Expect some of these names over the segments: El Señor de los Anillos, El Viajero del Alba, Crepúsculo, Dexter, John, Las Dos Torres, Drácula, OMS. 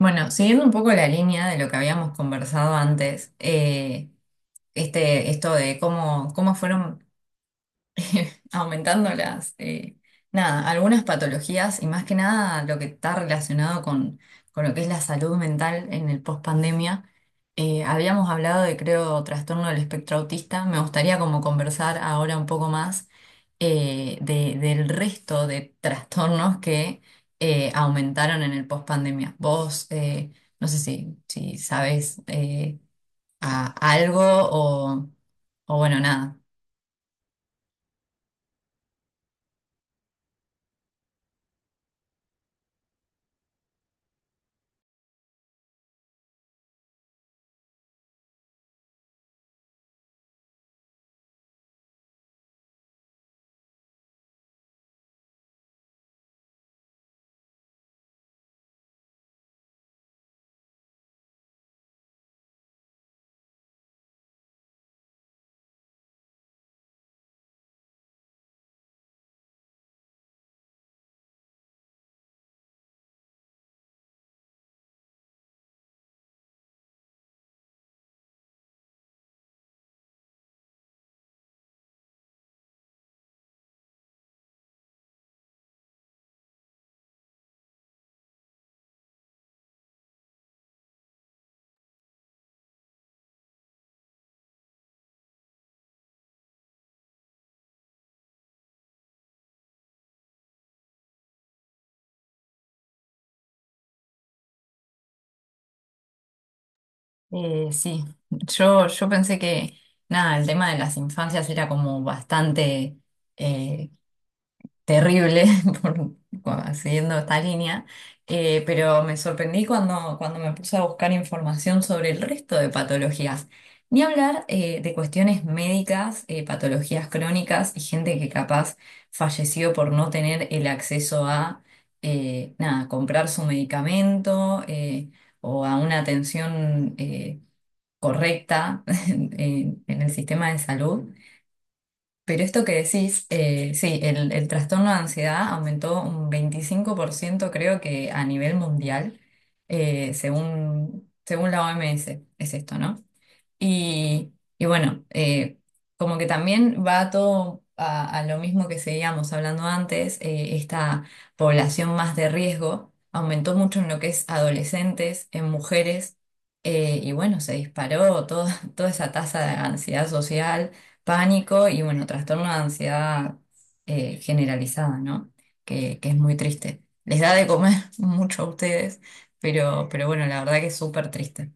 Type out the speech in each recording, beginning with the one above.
Bueno, siguiendo un poco la línea de lo que habíamos conversado antes, esto de cómo fueron aumentando las, nada, algunas patologías y más que nada lo que está relacionado con lo que es la salud mental en el post-pandemia. Habíamos hablado de, creo, trastorno del espectro autista. Me gustaría como conversar ahora un poco más, del resto de trastornos que aumentaron en el post-pandemia. Vos, no sé si sabes, algo o bueno, nada. Sí, yo pensé que, nada, el tema de las infancias era como bastante, eh, terrible, por, siguiendo esta línea, pero me sorprendí cuando me puse a buscar información sobre el resto de patologías. Ni hablar, de cuestiones médicas, patologías crónicas y gente que capaz falleció por no tener el acceso a, nada, comprar su medicamento, o a una atención correcta en el sistema de salud. Pero esto que decís, sí, el trastorno de ansiedad aumentó un 25%, creo que a nivel mundial, según la OMS, es esto, ¿no? Y bueno, como que también va todo a lo mismo que seguíamos hablando antes, esta población más de riesgo aumentó mucho en lo que es adolescentes, en mujeres, bueno, se disparó toda esa tasa de ansiedad social, pánico y bueno, trastorno de ansiedad generalizada, ¿no? Que es muy triste. Les da de comer mucho a ustedes, pero, bueno, la verdad que es súper triste.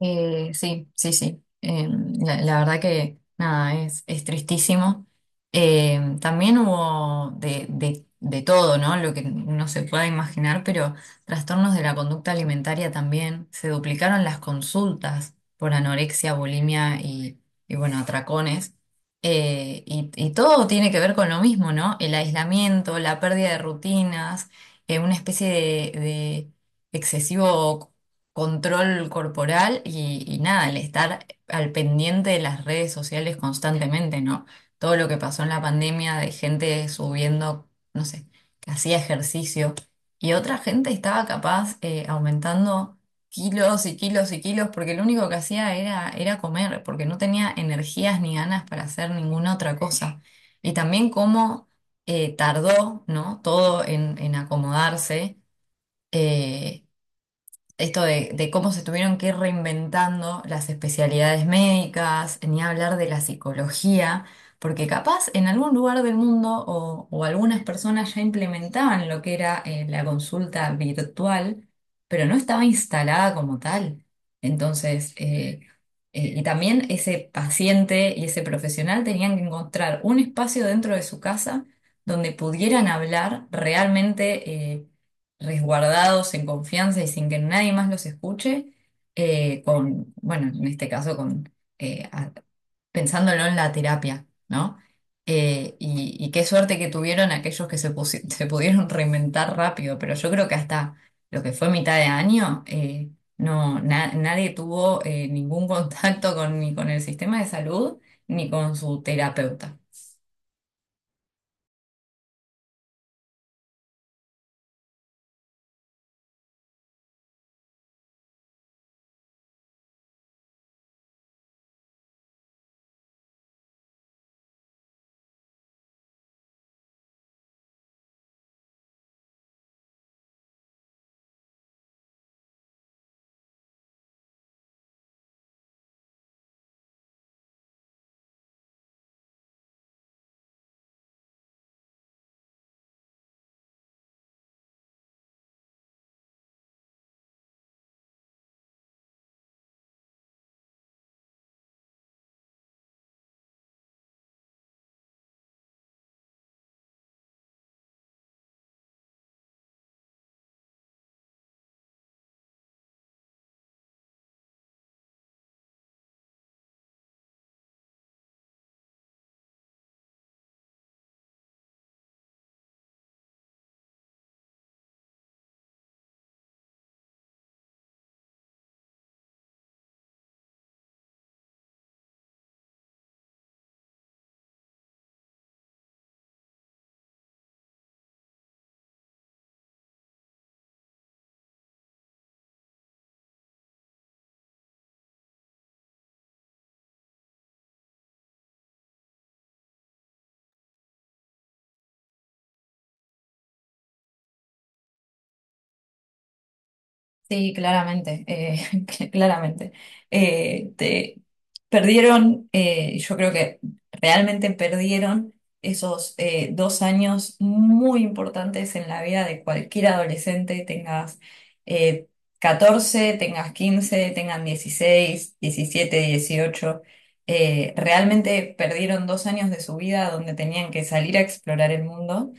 Sí, sí, sí. La verdad que nada, es tristísimo. También hubo de todo, ¿no? Lo que no se pueda imaginar, pero trastornos de la conducta alimentaria también. Se duplicaron las consultas por anorexia, bulimia y bueno, atracones. Y todo tiene que ver con lo mismo, ¿no? El aislamiento, la pérdida de rutinas, una especie de excesivo control corporal y nada, el estar al pendiente de las redes sociales constantemente, ¿no? Todo lo que pasó en la pandemia de gente subiendo, no sé, que hacía ejercicio y otra gente estaba capaz, aumentando kilos y kilos y kilos porque lo único que hacía era comer, porque no tenía energías ni ganas para hacer ninguna otra cosa. Y también cómo, tardó, ¿no? Todo en acomodarse. eh, Esto de cómo se tuvieron que ir reinventando las especialidades médicas, ni hablar de la psicología, porque capaz en algún lugar del mundo o algunas personas ya implementaban lo que era, la consulta virtual, pero no estaba instalada como tal. Entonces, y también ese paciente y ese profesional tenían que encontrar un espacio dentro de su casa donde pudieran hablar realmente, resguardados en confianza y sin que nadie más los escuche, con, bueno, en este caso con, eh, a- pensándolo en la terapia, ¿no? Y qué suerte que tuvieron aquellos que se pudieron reinventar rápido, pero yo creo que hasta lo que fue mitad de año, nadie tuvo, ningún contacto ni con el sistema de salud ni con su terapeuta. Sí, claramente, que claramente. Eh, te- Perdieron, yo creo que realmente perdieron esos, dos años muy importantes en la vida de cualquier adolescente, tengas, eh, 14, tengas 15, tengan 16, 17, 18. Realmente perdieron dos años de su vida donde tenían que salir a explorar el mundo,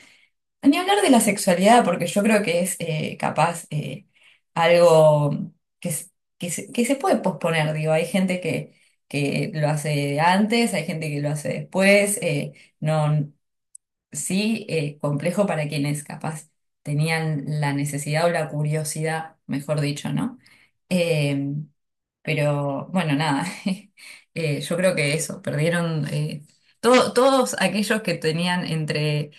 ni hablar de la sexualidad, porque yo creo que es, capaz, algo que, s- que se puede posponer, digo, hay gente que lo hace antes, hay gente que lo hace después, no, sí, complejo para quienes capaz tenían la necesidad o la curiosidad, mejor dicho, ¿no? Eh, pero bueno, nada, yo creo que eso, perdieron, todos aquellos que tenían entre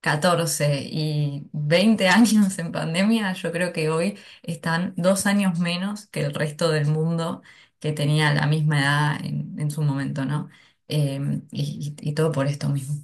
14 y 20 años en pandemia, yo creo que hoy están dos años menos que el resto del mundo que tenía la misma edad en su momento, ¿no? Y todo por esto mismo.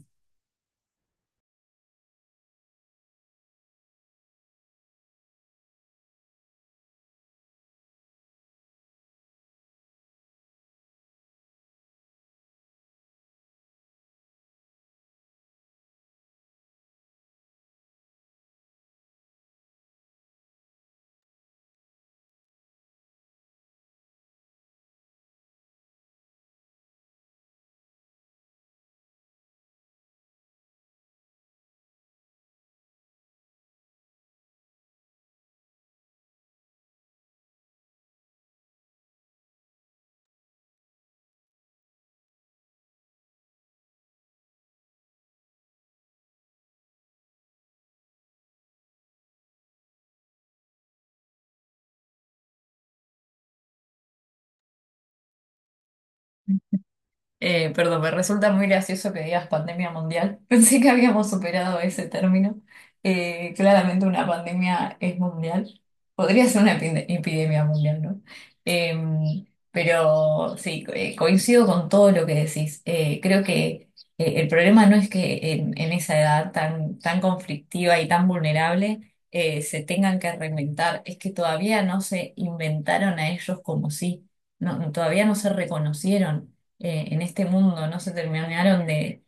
Perdón, me resulta muy gracioso que digas pandemia mundial. Pensé que habíamos superado ese término. Claramente una pandemia es mundial. Podría ser una epidemia mundial, ¿no? Em, pero sí, coincido con todo lo que decís. Creo que, el problema no es que en esa edad tan, tan conflictiva y tan vulnerable, se tengan que reinventar. Es que todavía no se inventaron a ellos como sí. No, todavía no se reconocieron, en este mundo, no se terminaron de,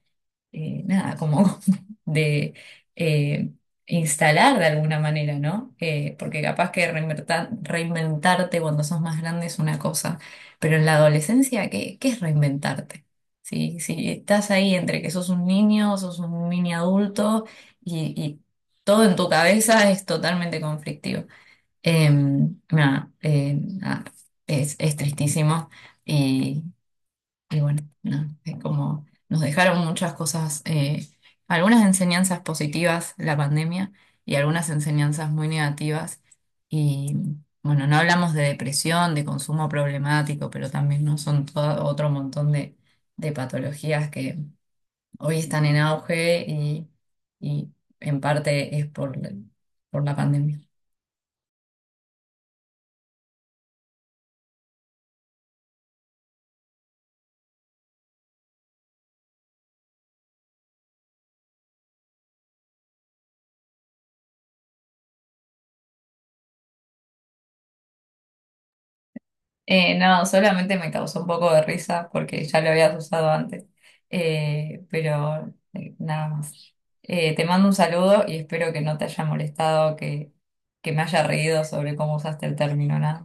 nada, como de, eh, instalar de alguna manera, ¿no? Porque capaz que reinventarte cuando sos más grande es una cosa, pero en la adolescencia, ¿qué es reinventarte? Si estás ahí entre que sos un niño, sos un mini adulto y todo en tu cabeza es totalmente conflictivo. Nada, nada, es tristísimo. y y bueno, no es como nos dejaron muchas cosas, algunas enseñanzas positivas la pandemia y algunas enseñanzas muy negativas. Y bueno, no hablamos de depresión, de consumo problemático, pero también no son todo otro montón de patologías que hoy están en auge y en parte es por la pandemia. No, solamente me causó un poco de risa porque ya lo habías usado antes. Pero, nada más. Te mando un saludo y espero que no te haya molestado, que, me haya reído sobre cómo usaste el término, nada.